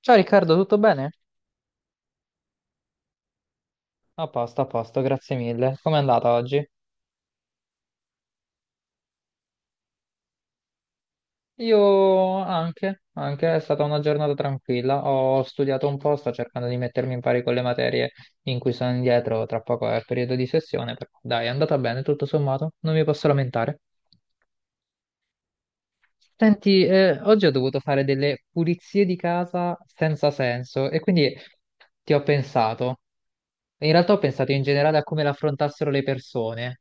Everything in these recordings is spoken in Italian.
Ciao Riccardo, tutto bene? A posto, grazie mille. Com'è andata oggi? Io anche, anche, è stata una giornata tranquilla. Ho studiato un po', sto cercando di mettermi in pari con le materie in cui sono indietro, tra poco è il periodo di sessione, però dai, è andata bene tutto sommato, non mi posso lamentare. Senti, oggi ho dovuto fare delle pulizie di casa senza senso e quindi ti ho pensato. In realtà ho pensato in generale a come l'affrontassero le persone.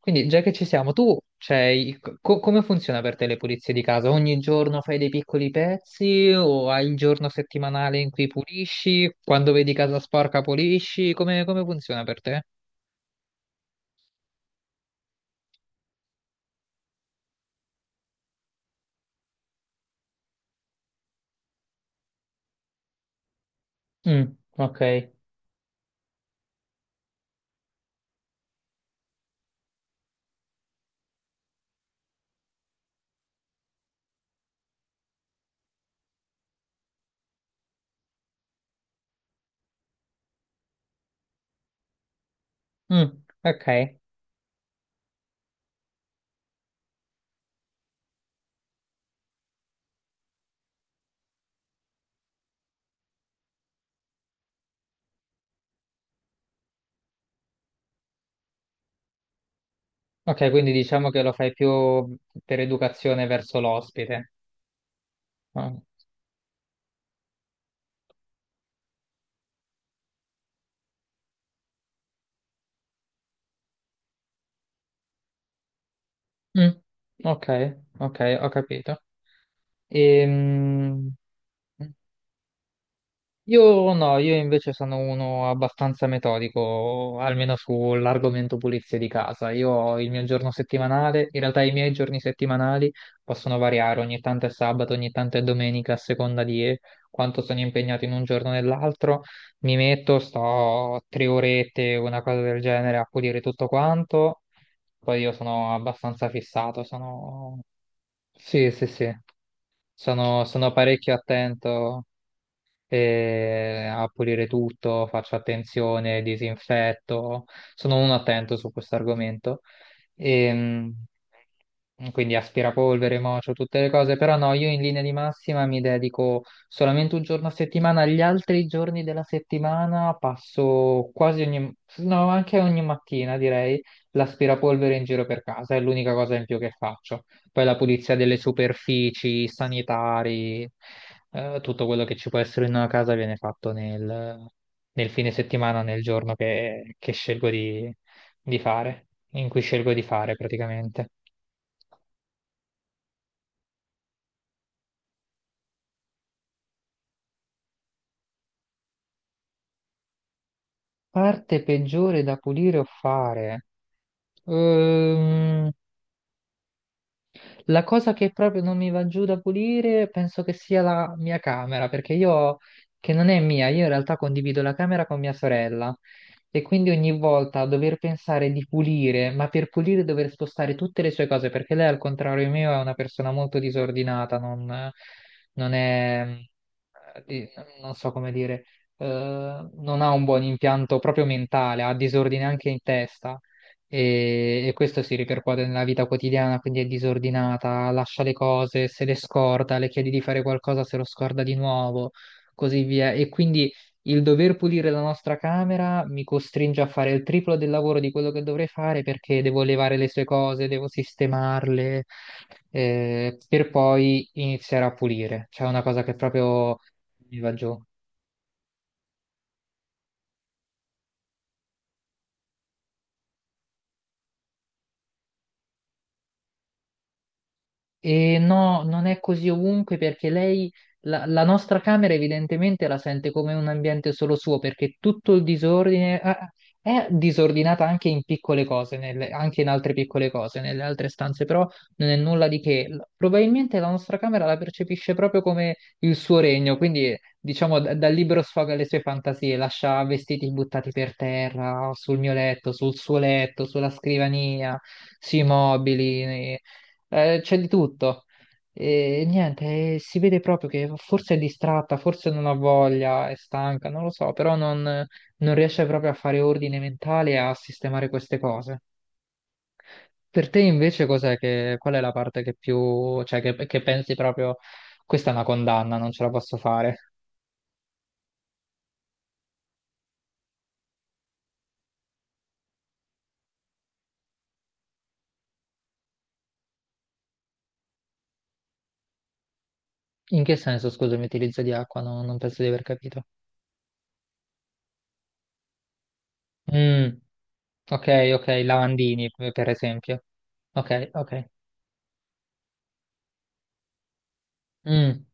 Quindi, già che ci siamo, tu c'hai... come funziona per te le pulizie di casa? Ogni giorno fai dei piccoli pezzi o hai il giorno settimanale in cui pulisci? Quando vedi casa sporca pulisci? Come, come funziona per te? Mm, ok. Mm, ok. Ok, quindi diciamo che lo fai più per educazione verso l'ospite. Ah. Mm, ok, ok, ho capito. Ehm, Io no, io invece sono uno abbastanza metodico, almeno sull'argomento pulizia di casa. Io ho il mio giorno settimanale, in realtà i miei giorni settimanali possono variare, ogni tanto è sabato, ogni tanto è domenica, a seconda di quanto sono impegnato in un giorno o nell'altro. Mi metto, sto tre orette, una cosa del genere, a pulire tutto quanto. Poi io sono abbastanza fissato, sono... Sì, sì, sì, sono parecchio attento e a pulire tutto, faccio attenzione, disinfetto, sono un attento su questo argomento. Ehm, quindi aspirapolvere, mocio, tutte le cose, però no, io in linea di massima mi dedico solamente un giorno a settimana, gli altri giorni della settimana passo quasi ogni, no, anche ogni mattina direi, l'aspirapolvere in giro per casa, è l'unica cosa in più che faccio. Poi la pulizia delle superfici, i sanitari, tutto quello che ci può essere in una casa viene fatto nel, nel fine settimana, nel giorno che scelgo di fare, in cui scelgo di fare praticamente. Parte peggiore da pulire o fare? Ehm, la cosa che proprio non mi va giù da pulire penso che sia la mia camera, perché io, che non è mia, io in realtà condivido la camera con mia sorella e quindi ogni volta a dover pensare di pulire, ma per pulire dover spostare tutte le sue cose, perché lei al contrario mio è una persona molto disordinata, non, non è, eh, di- non so come dire, eh, non ha un buon impianto proprio mentale, ha disordine anche in testa e questo si ripercuote nella vita quotidiana, quindi è disordinata, lascia le cose, se le scorda, le chiedi di fare qualcosa, se lo scorda di nuovo, così via. E quindi il dover pulire la nostra camera mi costringe a fare il triplo del lavoro di quello che dovrei fare perché devo levare le sue cose, devo sistemarle, per poi iniziare a pulire. C'è una cosa che proprio mi va giù. E no, non è così ovunque perché lei, la, la nostra camera evidentemente la sente come un ambiente solo suo perché tutto il disordine ah, ah, è disordinata anche in piccole cose, anche in altre piccole cose, nelle altre stanze, però non è nulla di che. Probabilmente la nostra camera la percepisce proprio come il suo regno, quindi diciamo dal libro sfoga le sue fantasie, lascia vestiti buttati per terra, sul mio letto, sul suo letto, sulla scrivania sui mobili, c'è di tutto. E niente, si vede proprio che forse è distratta, forse non ha voglia, è stanca, non lo so, però non, non riesce proprio a fare ordine mentale e a sistemare queste cose. Per te invece cos'è che, qual è la parte che più, cioè che pensi proprio, questa è una condanna, non ce la posso fare. In che senso, scusami, utilizzo di acqua? No, non penso di aver capito. Mm, ok, ok, lavandini per esempio. Ok, ok. Mm,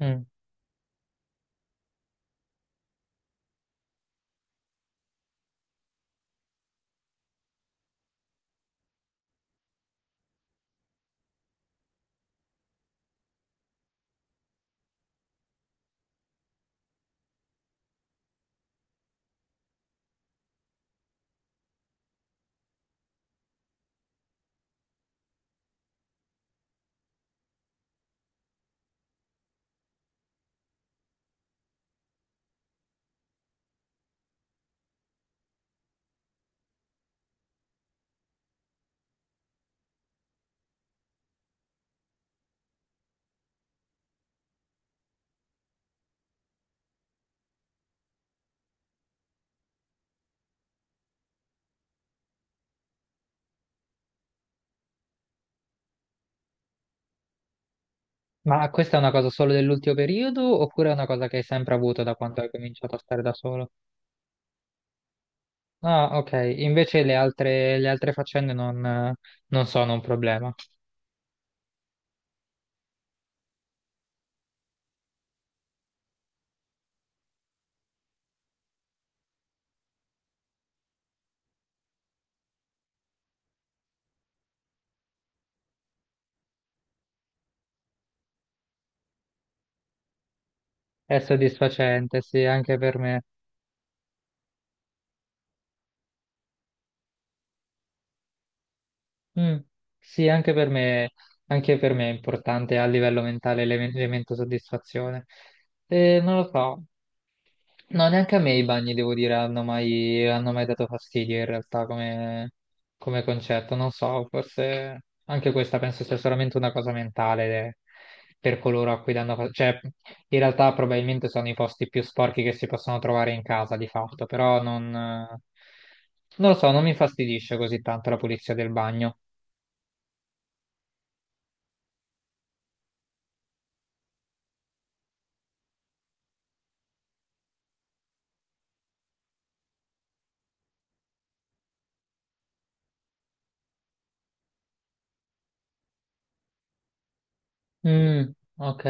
mm. Ma questa è una cosa solo dell'ultimo periodo oppure è una cosa che hai sempre avuto da quando hai cominciato a stare da solo? Ah, ok, invece le altre faccende non, non sono un problema. È soddisfacente, sì, anche per me. Mm, sì, anche per me è importante a livello mentale l'elemento soddisfazione. Non lo so, no, neanche a me i bagni, devo dire, hanno mai dato fastidio in realtà come, come concetto. Non so, forse anche questa penso sia solamente una cosa mentale per coloro a cui danno fastidio. Cioè, in realtà probabilmente sono i posti più sporchi che si possono trovare in casa, di fatto, però non, non lo so, non mi fastidisce così tanto la pulizia del bagno. Mm, ok,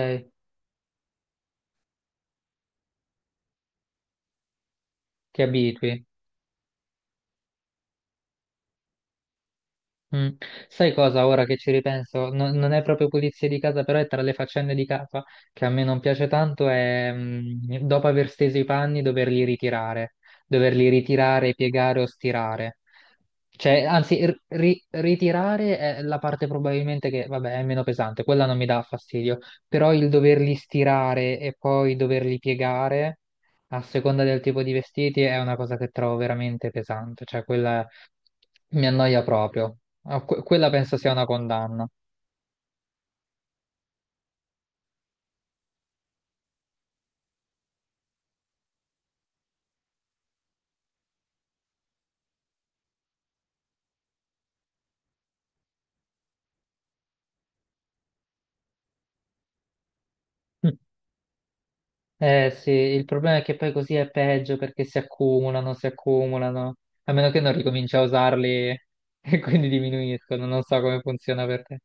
ti abitui. Mm. Sai cosa, ora che ci ripenso, non è proprio pulizia di casa, però è tra le faccende di casa che a me non piace tanto, è mm, dopo aver steso i panni doverli ritirare, piegare o stirare. Cioè, anzi, ritirare è la parte probabilmente che, vabbè, è meno pesante, quella non mi dà fastidio, però il doverli stirare e poi doverli piegare a seconda del tipo di vestiti è una cosa che trovo veramente pesante, cioè quella mi annoia proprio. Ah, quella penso sia una condanna. Mm. Eh sì, il problema è che poi così è peggio perché si accumulano, a meno che non ricominci a usarli e quindi diminuiscono, non so come funziona per te.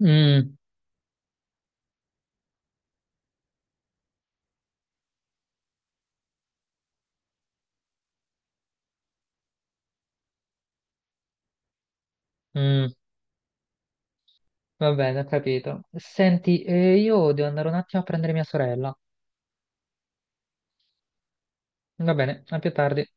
Mm, mm. Va bene, ho capito. Senti, io devo andare un attimo a prendere mia sorella. Va bene, a più tardi.